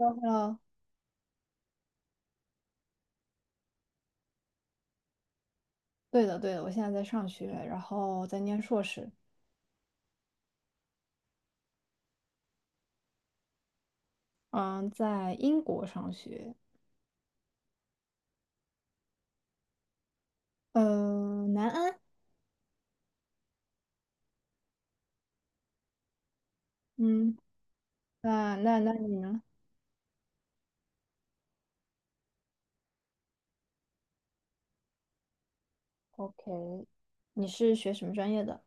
呃，对的，对的，我现在在上学，然后在念硕士，嗯，在英国上学，嗯、南安，嗯，那你呢？OK，你是学什么专业的？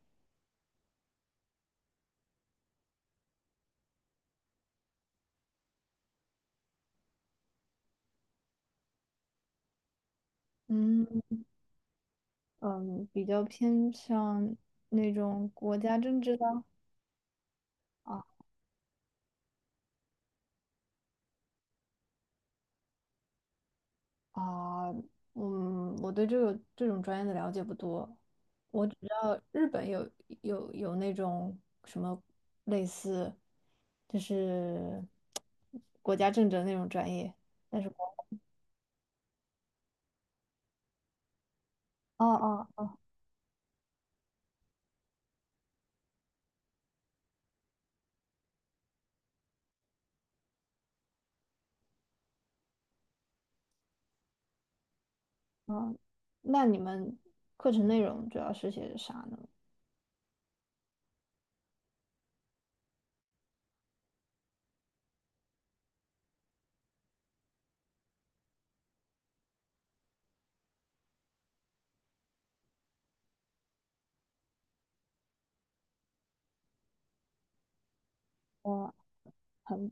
嗯嗯，比较偏向那种国家政治的啊啊，嗯，我对这种专业的了解不多，我只知道日本有那种类似就是国家政治那种专业，但是我哦哦哦，哦那你们课程内容主要是些啥呢？我很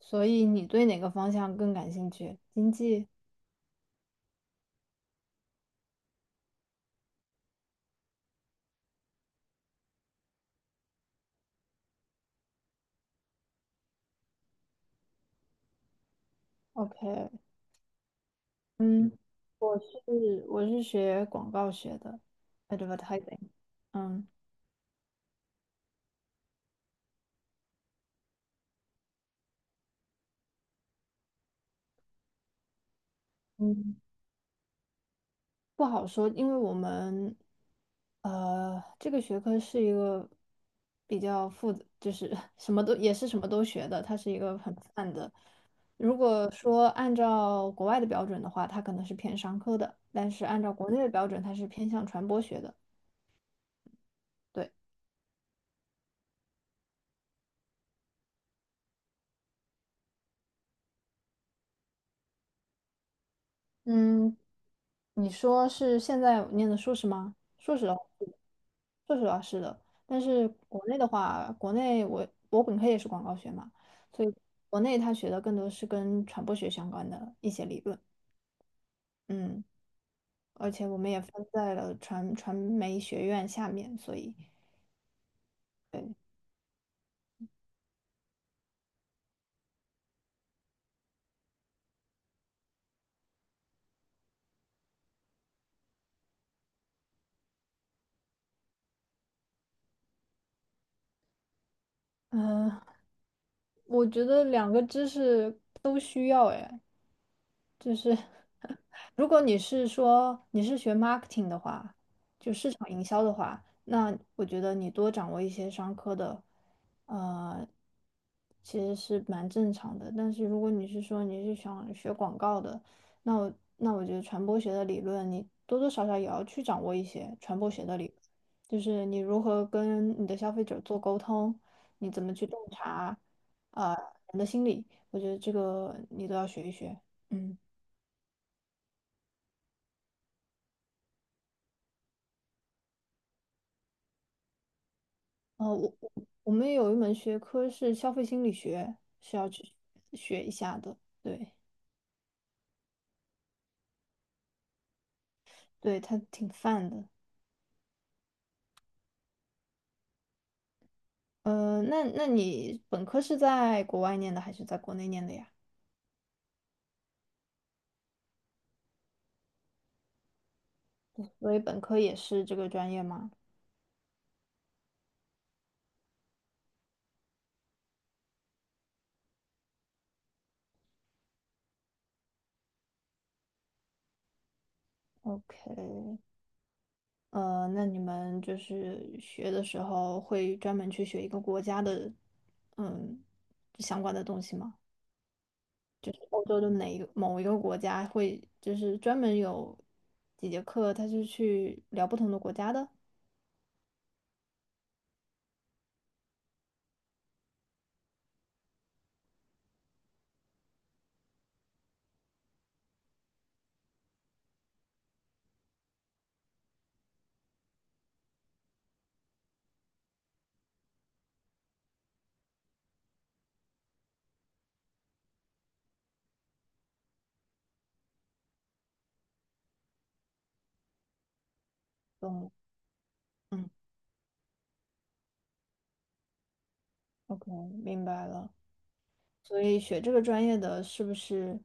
所以你对哪个方向更感兴趣？经济？OK，嗯，我是学广告学的，advertising，嗯。嗯。不好说，因为我们这个学科是一个比较复杂，就是 什么都也是什么都学的，它是一个很泛的。如果说按照国外的标准的话，它可能是偏商科的，但是按照国内的标准，它是偏向传播学的。对。嗯，你说是现在念的硕士吗？硕士的话，硕士的话是的，但是国内的话，国内我本科也是广告学嘛，所以国内他学的更多是跟传播学相关的一些理论，嗯，而且我们也分在了传媒学院下面，所以，嗯、我觉得两个知识都需要，哎，就是 如果你是说你是学 marketing 的话，就市场营销的话，那我觉得你多掌握一些商科的，呃，其实是蛮正常的。但是如果你是说你是想学广告的，那我觉得传播学的理论你多多少少也要去掌握一些传播学的理论就是你如何跟你的消费者做沟通，你怎么去洞察，呃，人的心理，我觉得这个你都要学一学。嗯。哦，我们有一门学科是消费心理学，是要去学一下的。对，对，它挺泛的。那你本科是在国外念的还是在国内念的呀？所以本科也是这个专业吗？OK，那你们就是学的时候会专门去学一个国家的，嗯，相关的东西吗？就是欧洲的哪一个某一个国家会，就是专门有几节课，他是去聊不同的国家的。懂了，嗯，OK，明白了。所以学这个专业的是不是，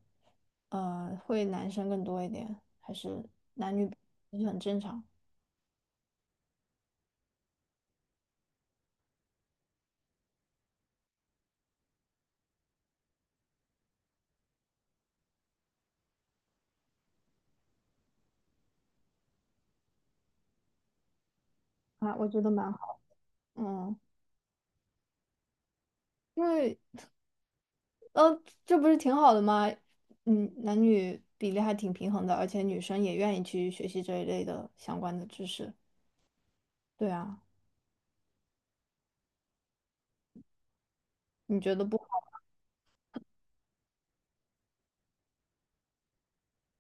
会男生更多一点，还是男女比很正常啊？我觉得蛮好，嗯，因为呃，这不是挺好的吗？嗯，男女比例还挺平衡的，而且女生也愿意去学习这一类的相关的知识。对啊，你觉得不好？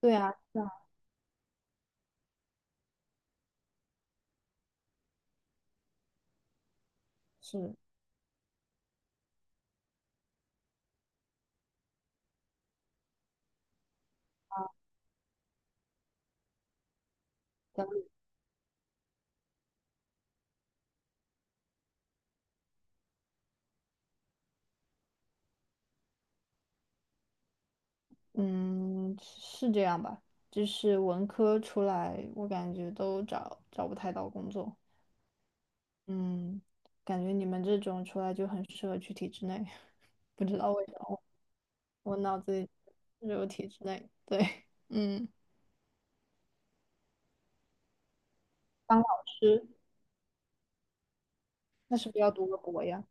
对啊。是，咱们嗯是这样吧，就是文科出来，我感觉都找不太到工作。嗯，感觉你们这种出来就很适合去体制内，不知道为什么，我脑子里只有体制内。对，嗯，当老师那是不是要读个博呀？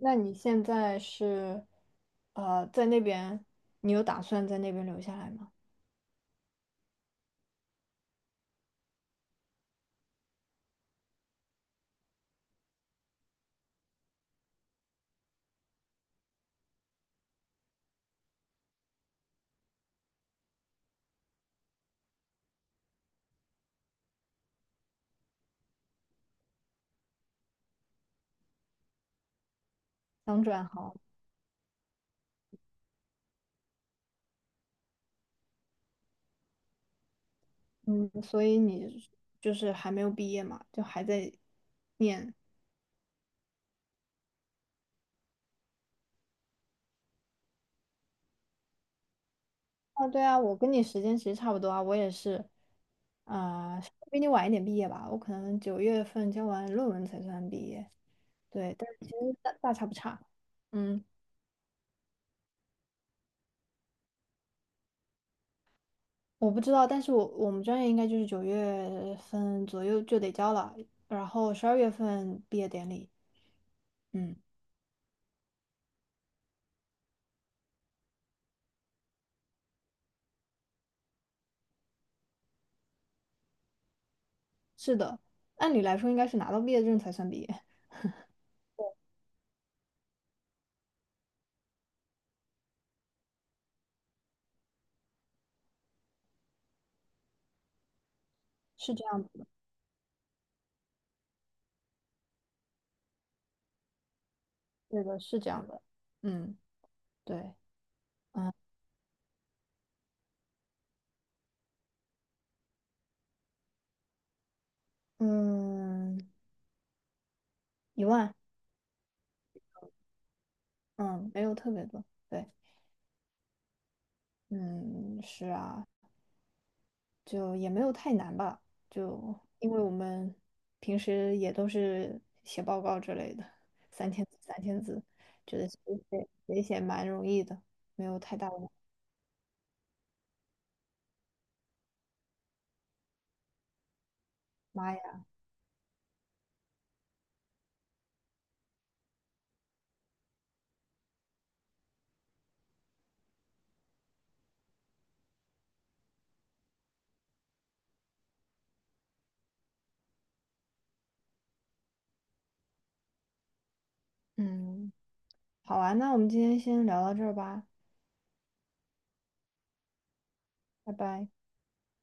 那你现在是在那边，你有打算在那边留下来吗？想转行？嗯，所以你就是还没有毕业嘛，就还在念。啊，对啊，我跟你时间其实差不多啊，我也是，啊、比你晚一点毕业吧，我可能九月份交完论文才算毕业。对，但是其实大差不差。嗯，我不知道，但是我们专业应该就是九月份左右就得交了，然后12月份毕业典礼。嗯，是的，按理来说应该是拿到毕业证才算毕业，是这样子的，对的，是这样的。嗯，对。嗯嗯，1万，嗯，没有特别多，对，嗯，是啊，就也没有太难吧，就因为我们平时也都是写报告之类的，三千字，觉得写蛮容易的，没有太大的，妈呀，嗯，好啊，那我们今天先聊到这儿吧，拜拜。